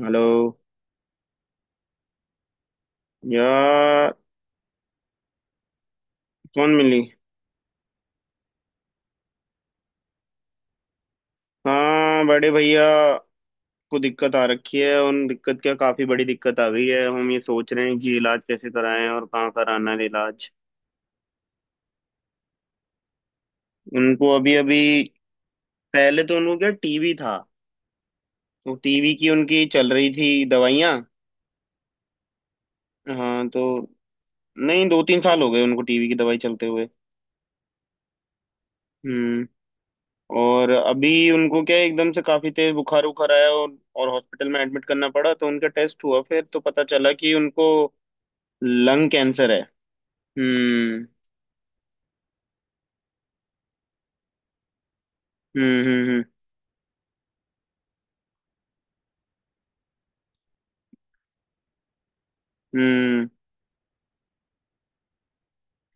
Hello. यार। कौन मिली? हाँ, बड़े भैया को दिक्कत आ रखी है। उन दिक्कत क्या, काफी बड़ी दिक्कत आ गई है। हम ये सोच रहे हैं कि इलाज कैसे कराएं और कहाँ कराना है इलाज। उनको अभी अभी पहले तो उनको क्या टीबी था। तो टीबी की उनकी चल रही थी दवाइयाँ। हाँ तो नहीं, 2-3 साल हो गए उनको टीबी की दवाई चलते हुए। हम्म। और अभी उनको क्या है, एकदम से काफी तेज बुखार उखार आया और हॉस्पिटल में एडमिट करना पड़ा। तो उनका टेस्ट हुआ फिर तो पता चला कि उनको लंग कैंसर है। हम्म। हम्म। हम्म। हम्म। हम्म।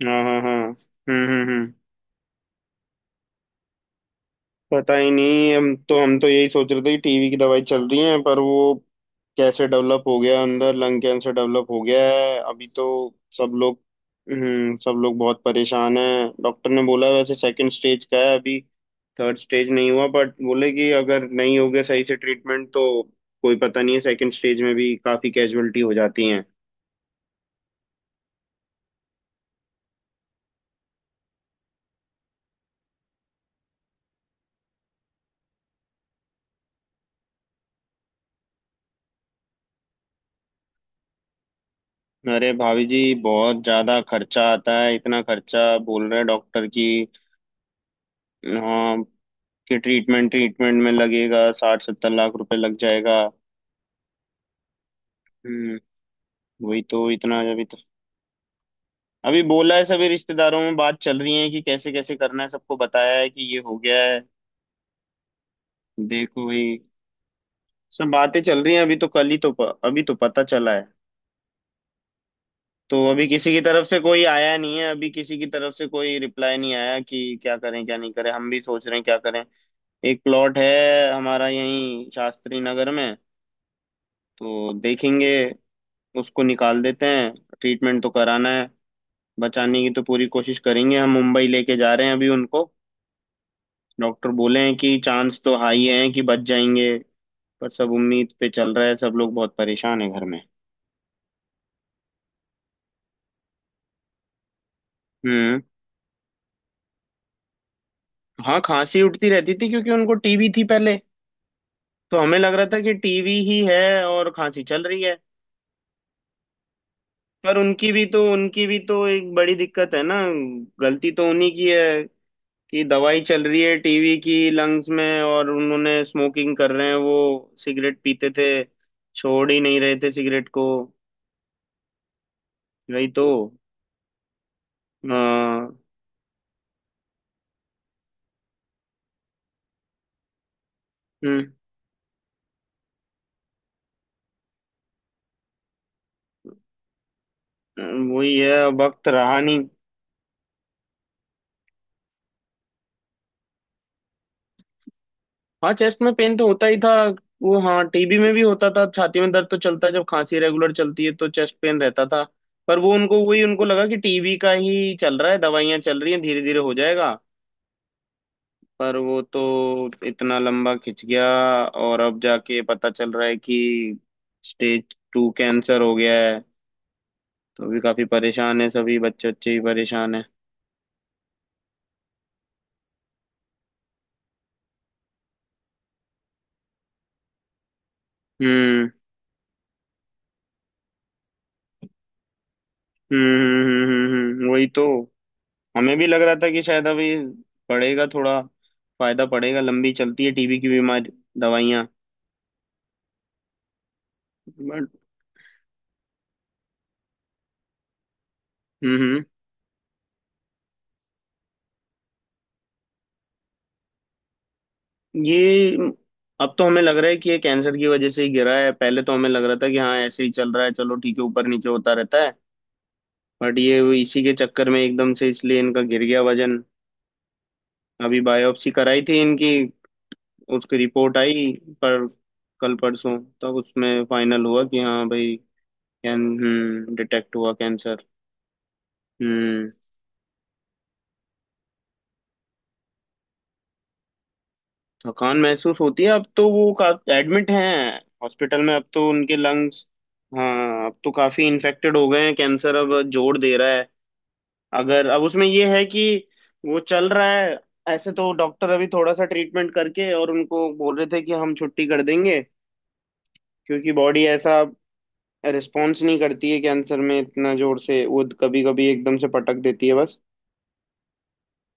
हाँ, हाँ, हाँ। हम्म। हम्म। हम्म। पता ही नहीं। हम तो यही सोच रहे थे कि टीवी की दवाई चल रही है, पर वो कैसे डेवलप हो गया अंदर। लंग कैंसर डेवलप हो गया है अभी तो। सब लोग, हम्म, सब लोग बहुत परेशान हैं। डॉक्टर ने बोला वैसे सेकंड स्टेज का है अभी, थर्ड स्टेज नहीं हुआ। बट बोले कि अगर नहीं हो गया सही से ट्रीटमेंट तो कोई पता नहीं है। सेकंड स्टेज में भी काफी कैजुअलिटी हो जाती हैं। अरे भाभी जी, बहुत ज्यादा खर्चा आता है। इतना खर्चा बोल रहे हैं डॉक्टर की। हाँ, कि ट्रीटमेंट ट्रीटमेंट में लगेगा, 60-70 लाख रुपए लग जाएगा। हम्म। वही तो, इतना अभी तो। अभी बोला है, सभी रिश्तेदारों में बात चल रही है कि कैसे कैसे करना है। सबको बताया है कि ये हो गया है। देखो भाई, सब बातें चल रही हैं। अभी तो कल ही तो अभी तो पता चला है। तो अभी किसी की तरफ से कोई आया नहीं है, अभी किसी की तरफ से कोई रिप्लाई नहीं आया कि क्या करें क्या नहीं करें। हम भी सोच रहे हैं क्या करें। एक प्लॉट है हमारा यहीं शास्त्री नगर में, तो देखेंगे, उसको निकाल देते हैं। ट्रीटमेंट तो कराना है। बचाने की तो पूरी कोशिश करेंगे। हम मुंबई लेके जा रहे हैं अभी उनको। डॉक्टर बोले हैं कि चांस तो हाई है कि बच जाएंगे। पर सब उम्मीद पे चल रहा है। सब लोग बहुत परेशान है घर में। हम्म। हाँ, खांसी उठती रहती थी क्योंकि उनको टीबी थी पहले। तो हमें लग रहा था कि टीबी ही है और खांसी चल रही है। पर उनकी भी तो एक बड़ी दिक्कत है ना, गलती तो उन्हीं की है। कि दवाई चल रही है टीवी की लंग्स में और उन्होंने स्मोकिंग कर रहे हैं, वो सिगरेट पीते थे। छोड़ ही नहीं रहे थे सिगरेट को। वही तो। आ, हम्म। वही है, वक्त रहा नहीं। हाँ, चेस्ट में पेन तो होता ही था। वो हाँ, टीबी में भी होता था छाती में दर्द। तो चलता है जब खांसी रेगुलर चलती है तो चेस्ट पेन रहता था। पर वो उनको वही उनको लगा कि टीबी का ही चल रहा है, दवाइयां चल रही हैं धीरे धीरे हो जाएगा। पर वो तो इतना लंबा खिंच गया और अब जाके पता चल रहा है कि स्टेज 2 कैंसर हो गया है। तो अभी काफी परेशान है, सभी बच्चे बच्चे ही परेशान है। हम्म। हम्म। हम्म। वही तो। हमें भी लग रहा था कि शायद अभी पड़ेगा थोड़ा फायदा, पड़ेगा, लंबी चलती है टीबी की बीमारी दवाइयाँ। बट हम्म हम्म, ये अब तो हमें लग रहा है कि ये कैंसर की वजह से ही गिरा है। पहले तो हमें लग रहा था कि हाँ ऐसे ही चल रहा है, चलो ठीक है, ऊपर नीचे होता रहता है। बट ये वो इसी के चक्कर में एकदम से इसलिए इनका गिर गया वजन। अभी बायोप्सी कराई थी इनकी, उसकी रिपोर्ट आई। पर कल परसों तब उसमें फाइनल हुआ कि हाँ भाई, कैन डिटेक्ट हुआ कैंसर। हम्म। थकान महसूस होती है अब तो। वो का एडमिट हैं हॉस्पिटल में। अब तो उनके लंग्स, हाँ, अब तो काफी इन्फेक्टेड हो गए हैं, कैंसर अब जोर दे रहा है। अगर अब उसमें ये है कि वो चल रहा है। ऐसे तो डॉक्टर अभी थोड़ा सा ट्रीटमेंट करके और उनको बोल रहे थे कि हम छुट्टी कर देंगे, क्योंकि बॉडी ऐसा रिस्पॉन्स नहीं करती है कैंसर में इतना जोर से, वो कभी कभी एकदम से पटक देती है बस।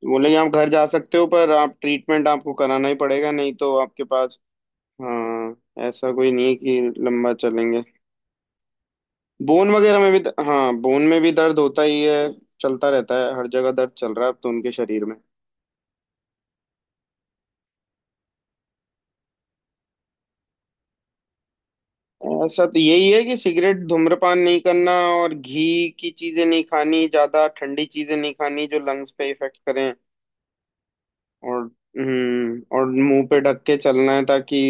बोले कि आप घर जा सकते हो, पर आप ट्रीटमेंट आपको कराना ही पड़ेगा, नहीं तो आपके पास। हाँ, ऐसा कोई नहीं है कि लंबा चलेंगे। बोन वगैरह में भी। हाँ, बोन में भी दर्द होता ही है, चलता रहता है, हर जगह दर्द चल रहा है अब तो उनके शरीर में। ऐसा तो यही है कि सिगरेट धूम्रपान नहीं करना और घी की चीजें नहीं खानी, ज्यादा ठंडी चीजें नहीं खानी, जो लंग्स पे इफेक्ट करें। और और मुंह पे ढक के चलना है ताकि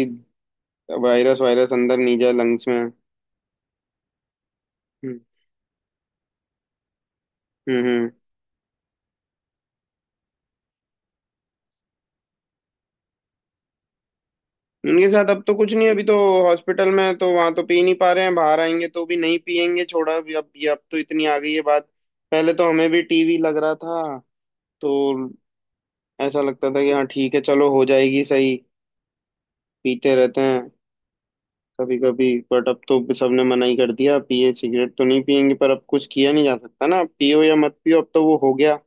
वायरस वायरस अंदर नहीं जाए लंग्स में। हम्म। हम्म। हम्म। उनके साथ अब तो कुछ नहीं, अभी तो हॉस्पिटल में है तो वहां तो पी नहीं पा रहे हैं। बाहर आएंगे तो भी नहीं पियेंगे, छोड़ा अभी अब। ये अब तो इतनी आ गई है बात। पहले तो हमें भी टीवी लग रहा था तो ऐसा लगता था कि हाँ ठीक है, चलो हो जाएगी सही, पीते रहते हैं कभी कभी। बट अब तो सबने मना ही कर दिया, पिए, सिगरेट तो नहीं पियेंगे पर अब कुछ किया नहीं जा सकता ना। अब पियो या मत पियो, अब तो वो हो गया।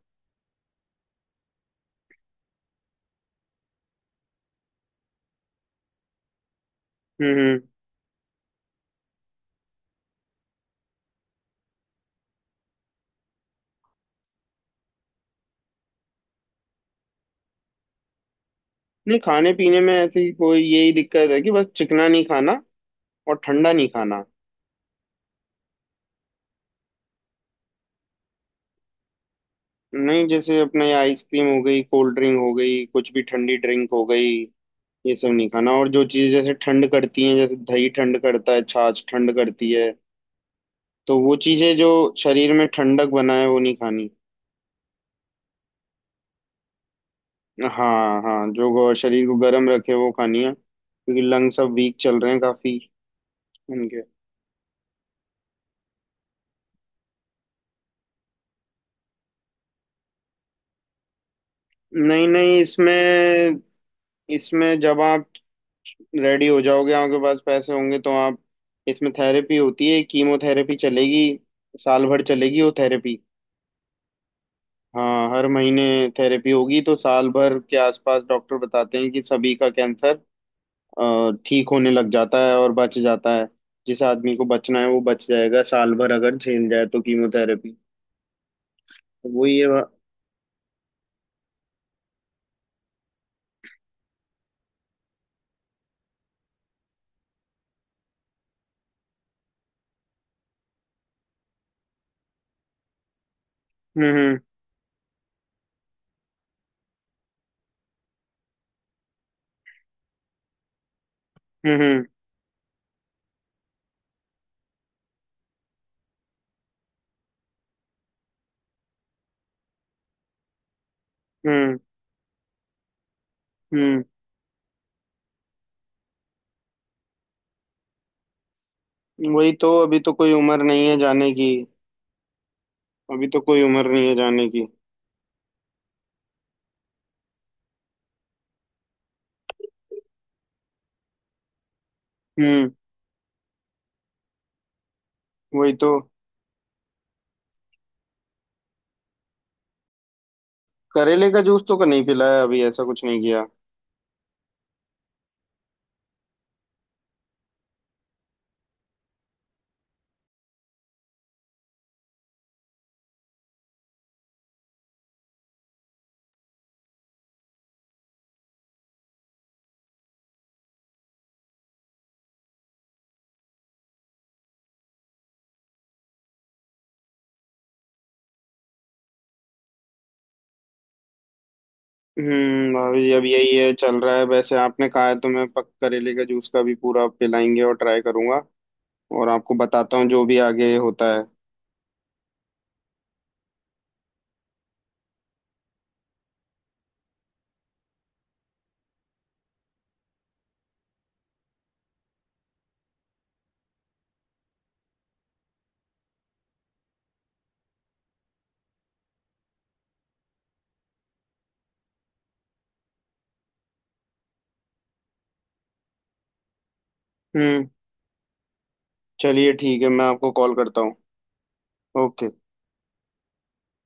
हम्म। हम्म। नहीं, खाने पीने में ऐसी कोई यही दिक्कत है कि बस चिकना नहीं खाना और ठंडा नहीं खाना। नहीं, जैसे अपने ये आइसक्रीम हो गई, कोल्ड ड्रिंक हो गई, कुछ भी ठंडी ड्रिंक हो गई, ये सब नहीं खाना। और जो चीज़ जैसे ठंड करती हैं, जैसे दही ठंड करता है, छाछ ठंड करती है, तो वो चीज़ें जो शरीर में ठंडक बनाए वो नहीं खानी। हाँ हाँ, जो शरीर को गर्म रखे वो खानी है, क्योंकि लंग्स अब वीक चल रहे हैं काफी उनके। नहीं नहीं, इसमें, इसमें जब आप रेडी हो जाओगे, आपके पास पैसे होंगे, तो आप, इसमें थेरेपी होती है, कीमोथेरेपी चलेगी। साल भर चलेगी वो थेरेपी। हाँ, हर महीने थेरेपी होगी। तो साल भर के आसपास डॉक्टर बताते हैं कि सभी का कैंसर ठीक होने लग जाता है और बच जाता है। जिस आदमी को बचना है वो बच जाएगा, साल भर अगर झेल जाए तो कीमोथेरेपी। वही है हम्म। हम्म। हम्म। हम्म। हम्म। हम्म। वही तो, अभी तो कोई उम्र नहीं है जाने की। अभी तो कोई उम्र नहीं है जाने की। हम्म, वही तो। करेले का जूस तो नहीं पिलाया अभी, ऐसा कुछ नहीं किया। हम्म, भाभी जी, अब यही है चल रहा है। वैसे आपने कहा है तो मैं पक करेले का जूस का भी पूरा पिलाएंगे और ट्राई करूंगा, और आपको बताता हूँ जो भी आगे होता है। हम्म। चलिए ठीक है, मैं आपको कॉल करता हूँ। ओके।